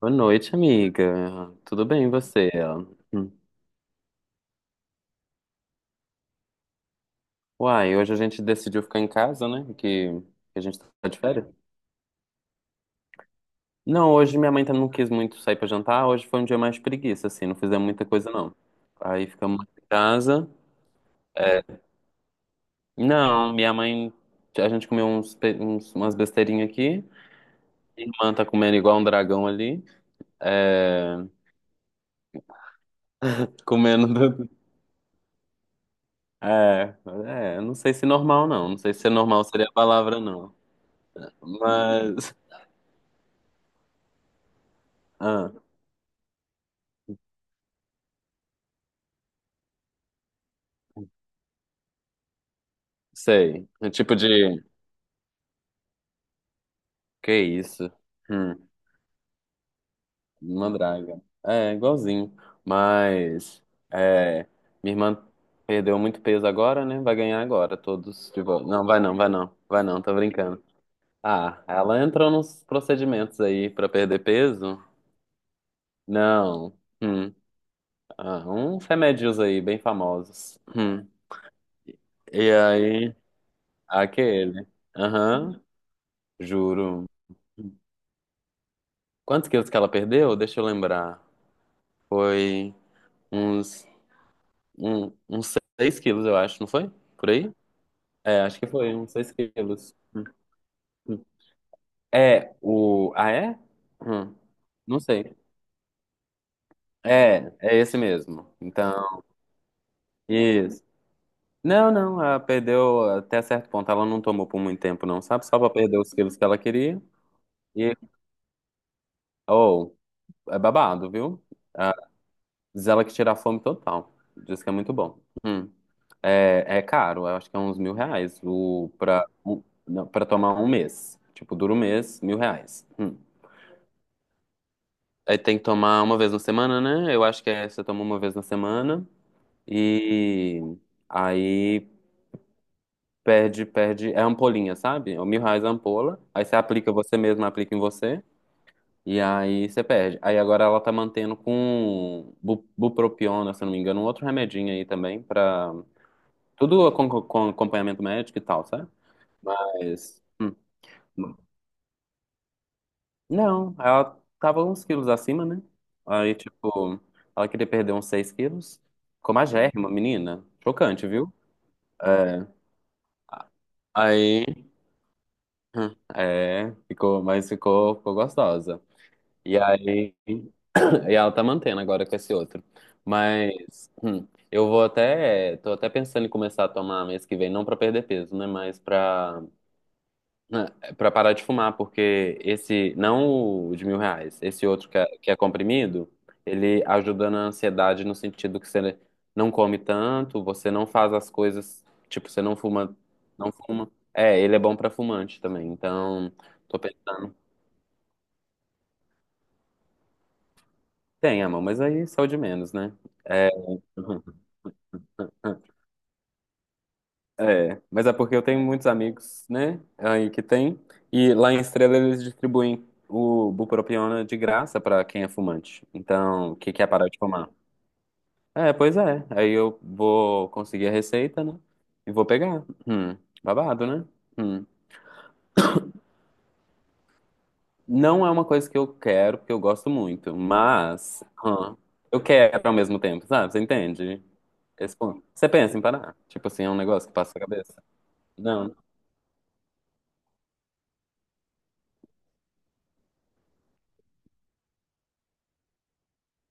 Boa noite, amiga. Tudo bem, e você? Hum. Uai, hoje a gente decidiu ficar em casa, né? Que a gente tá de férias. Não, hoje minha mãe também não quis muito sair pra jantar. Hoje foi um dia mais de preguiça, assim, não fizemos muita coisa, não. Aí ficamos em casa. É, não, minha mãe. A gente comeu umas besteirinhas aqui. Minha irmã tá comendo igual um dragão ali. É, comendo. do- É, não sei se normal, não. Não sei se é normal seria a palavra, não. Mas. Ah. Sei. É tipo de. Que isso? Hum, mandraga. É, igualzinho. Mas. É, minha irmã perdeu muito peso agora, né? Vai ganhar agora, todos de volta. Não, vai não, vai não. Vai não, tô brincando. Ah, ela entrou nos procedimentos aí pra perder peso? Não. Hum. Ah, uns remédios aí, bem famosos. Hum. E aí, aquele. Aham, juro. Quantos quilos que ela perdeu? Deixa eu lembrar. Foi. Uns, um, uns 6 quilos, eu acho, não foi? Por aí? É, acho que foi, uns 6 quilos. É, o. Ah, é? Hum, não sei. É esse mesmo. Então, isso. Não, não, ela perdeu até certo ponto. Ela não tomou por muito tempo, não, sabe? Só pra perder os quilos que ela queria. E, oh, é babado, viu? Ah, diz ela que tira a fome total. Diz que é muito bom. Hum. É caro, eu acho que é uns 1.000 reais o, pra, o, não, pra tomar um mês. Tipo, dura um mês, 1.000 reais. Hum. Aí tem que tomar uma vez na semana, né? Eu acho que é, você toma uma vez na semana e aí perde, perde. É ampolinha, sabe? É 1.000 reais a ampola. Aí você aplica você mesmo, aplica em você. E aí você perde. Aí agora ela tá mantendo com bupropiona, se eu não me engano, um outro remedinho aí também pra Tudo com acompanhamento médico e tal, sabe? Mas. Não, ela tava uns quilos acima, né? Aí, tipo, ela queria perder uns 6 quilos. Ficou magérrima, menina. Chocante, viu? É. Aí. É, ficou, mas ficou, ficou gostosa. E aí. E ela tá mantendo agora com esse outro. Mas. Eu vou até. Tô até pensando em começar a tomar mês que vem, não pra perder peso, né? Mas pra parar de fumar, porque esse, não o de 1.000 reais, esse outro que é comprimido, ele ajuda na ansiedade no sentido que você não come tanto, você não faz as coisas, tipo, você não fuma, não fuma. É, ele é bom pra fumante também, então tô pensando. Tem, amor, mas aí saúde menos, né? É. É, mas é porque eu tenho muitos amigos, né, aí que tem, e lá em Estrela eles distribuem o bupropiona de graça pra quem é fumante. Então, que quer parar de fumar? É, pois é. Aí eu vou conseguir a receita, né, e vou pegar. Babado, né? Hum. Não é uma coisa que eu quero, porque eu gosto muito, mas eu quero ao mesmo tempo, sabe? Você entende? Esse ponto. Você pensa em parar? Tipo assim, é um negócio que passa a cabeça? Não.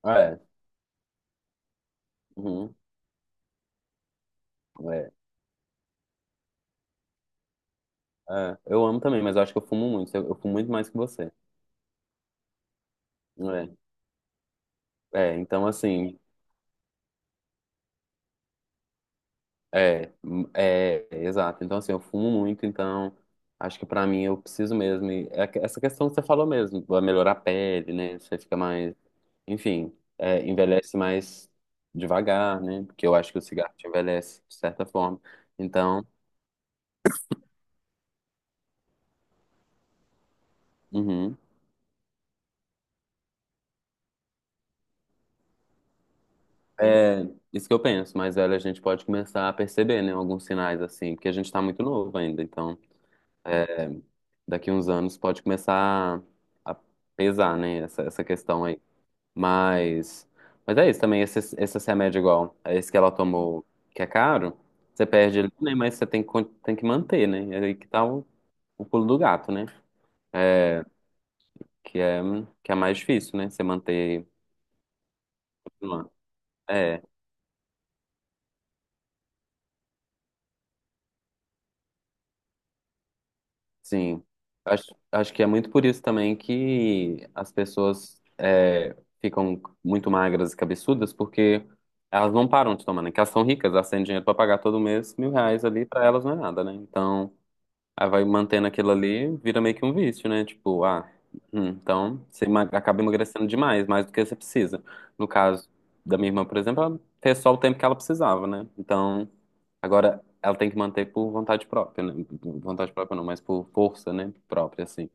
Ah, é. Uhum. É. É, eu amo também, mas eu acho que eu fumo muito. Eu fumo muito mais que você. Então assim, exato. Então assim, eu fumo muito, então acho que pra mim eu preciso mesmo. E é essa questão que você falou mesmo, vai melhorar a pele, né? Você fica mais, enfim, envelhece mais devagar, né? Porque eu acho que o cigarro te envelhece de certa forma. Então, uhum, é isso que eu penso. Mas velho, a gente pode começar a perceber, né? Alguns sinais assim, porque a gente tá muito novo ainda, então. é, daqui uns anos pode começar a pesar, né? Essa questão aí. Mas, mas é isso também, esse remédio igual, é esse que ela tomou, que é caro, você perde ele, né? Mas você tem que manter, né? É aí que tá o pulo do gato, né? Que é, que é mais difícil, né? Você manter. É. Sim, acho que é muito por isso também que as pessoas ficam muito magras e cabeçudas, porque elas não param de tomar, né? Que elas são ricas, elas têm dinheiro para pagar todo mês 1.000 reais ali, para elas não é nada, né? Então, aí vai mantendo aquilo ali, vira meio que um vício, né? Tipo, ah, então você acaba emagrecendo demais, mais do que você precisa. No caso da minha irmã, por exemplo, ela fez só o tempo que ela precisava, né? Então. Agora, ela tem que manter por vontade própria, né? Por vontade própria não, mas por força, né? Própria, assim.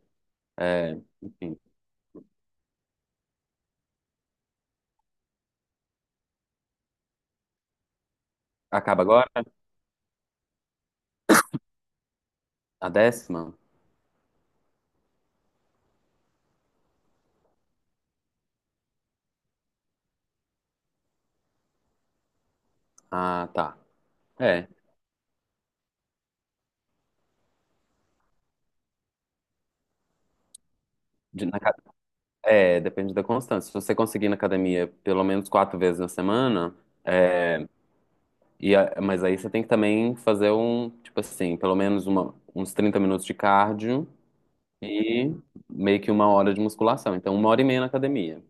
É, enfim. Acaba agora? A décima? Ah, tá. É. De- na ca- depende da constância. Se você conseguir na academia pelo menos 4 vezes na semana, mas aí você tem que também fazer um, tipo assim, pelo menos uns 30 minutos de cardio e meio que uma hora de musculação. Então, uma hora e meia na academia.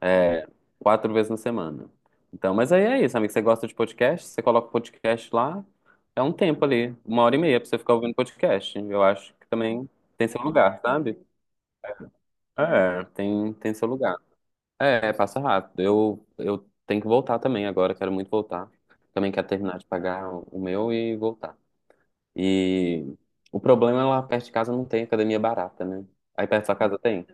É, 4 vezes na semana. Então, mas aí é isso, amigo. Você gosta de podcast? Você coloca o podcast lá, é um tempo ali, uma hora e meia pra você ficar ouvindo podcast. Eu acho que também tem seu lugar, sabe? É, tem seu lugar. É, passa rápido. Eu tenho que voltar também agora, quero muito voltar. Também quero terminar de pagar o meu e voltar. E o problema é lá perto de casa não tem academia barata, né? Aí perto da sua casa tem?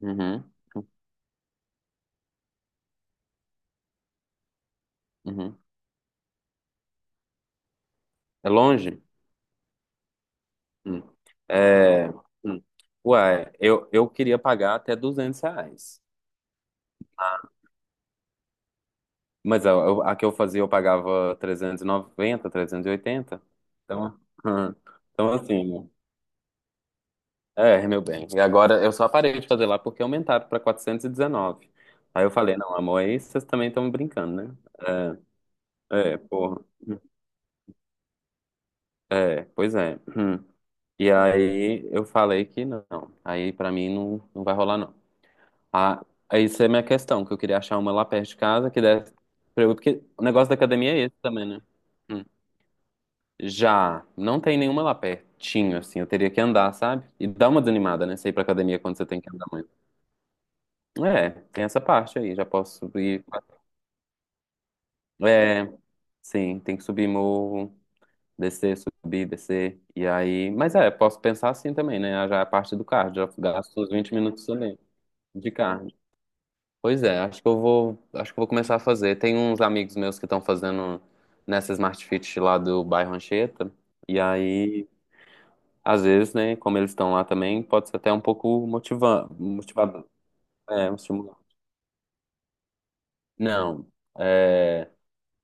Uhum, uhum. É longe? Hum. É, hum. Ué, eu queria pagar até 200 reais. Mas a que eu fazia eu pagava 390, 380. Então, hum. Então assim, né? É, meu bem. E agora eu só parei de fazer lá porque aumentaram para 419. Aí eu falei, não, amor, aí vocês também estão brincando, né? É, porra. É, pois é. Hum. E aí eu falei que não. Aí pra mim não, não vai rolar, não. Ah, isso é a minha questão, que eu queria achar uma lá perto de casa que desse pra eu, porque o negócio da academia é esse também, né? Hum. Já, não tem nenhuma lá pertinho, assim, eu teria que andar, sabe? E dá uma desanimada, né? Você ir pra academia quando você tem que andar muito. É, tem essa parte aí, já posso subir. É, sim, tem que subir morro, descer, subir, descer. E aí, mas é, posso pensar assim também, né? Já é a parte do cardio, já gasto uns 20 minutos ali de cardio. Pois é, acho que eu vou começar a fazer. Tem uns amigos meus que estão fazendo nessa Smart Fit lá do bairro Anchieta. E aí, às vezes, né, como eles estão lá também, pode ser até um pouco motivando motivador. É, um estímulo. Não, é,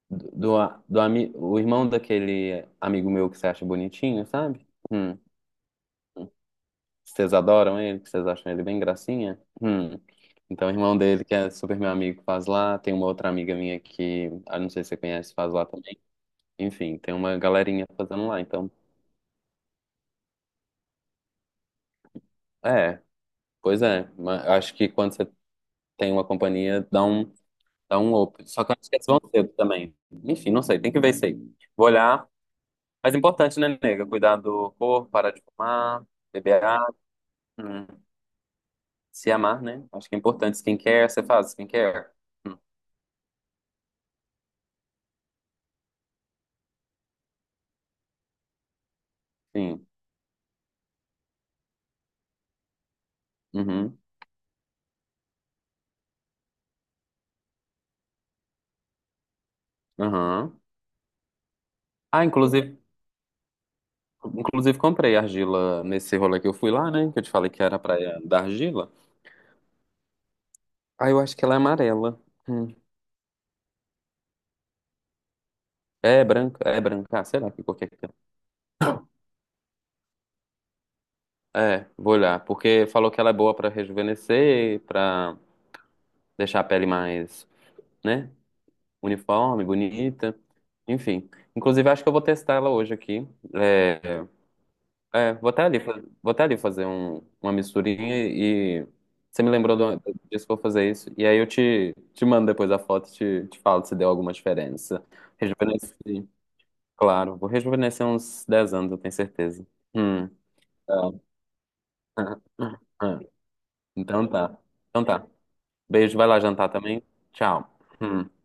do, do, a- do ami- o irmão daquele amigo meu que você acha bonitinho, sabe? Vocês adoram ele, que vocês acham ele bem gracinha? Hum. Então, o irmão dele, que é super meu amigo, faz lá. Tem uma outra amiga minha que, ah, não sei se você conhece, faz lá também. Enfim, tem uma galerinha fazendo lá. Então, é, pois é. Mas eu acho que quando você tem uma companhia, dá um up. Só que eu acho que eles vão cedo também. Enfim, não sei, tem que ver isso aí. Vou olhar. Mas é importante, né, nega? Cuidar do corpo, parar de fumar, beber água, hum, se amar, né? Acho que é importante. Skincare, você faz skincare? Hum, Sim. Uhum. Uhum. Ah, inclusive comprei argila nesse rolê que eu fui lá, né? Que eu te falei que era a praia da argila. Ah, eu acho que ela é amarela. Hum. É branca, ah, será que cor que é aquela? É, vou olhar, porque falou que ela é boa pra rejuvenescer, pra deixar a pele mais, né, uniforme, bonita, enfim. Inclusive, acho que eu vou testar ela hoje aqui. É, vou até ali fazer uma misturinha e você me lembrou disso que eu vou fazer isso. E aí eu te mando depois a foto e te falo se deu alguma diferença. Rejuvenesci, claro, vou rejuvenescer uns 10 anos, eu tenho certeza. Hum. Ah, ah, ah. Então tá. Então tá. Beijo, vai lá jantar também. Tchau. Hum.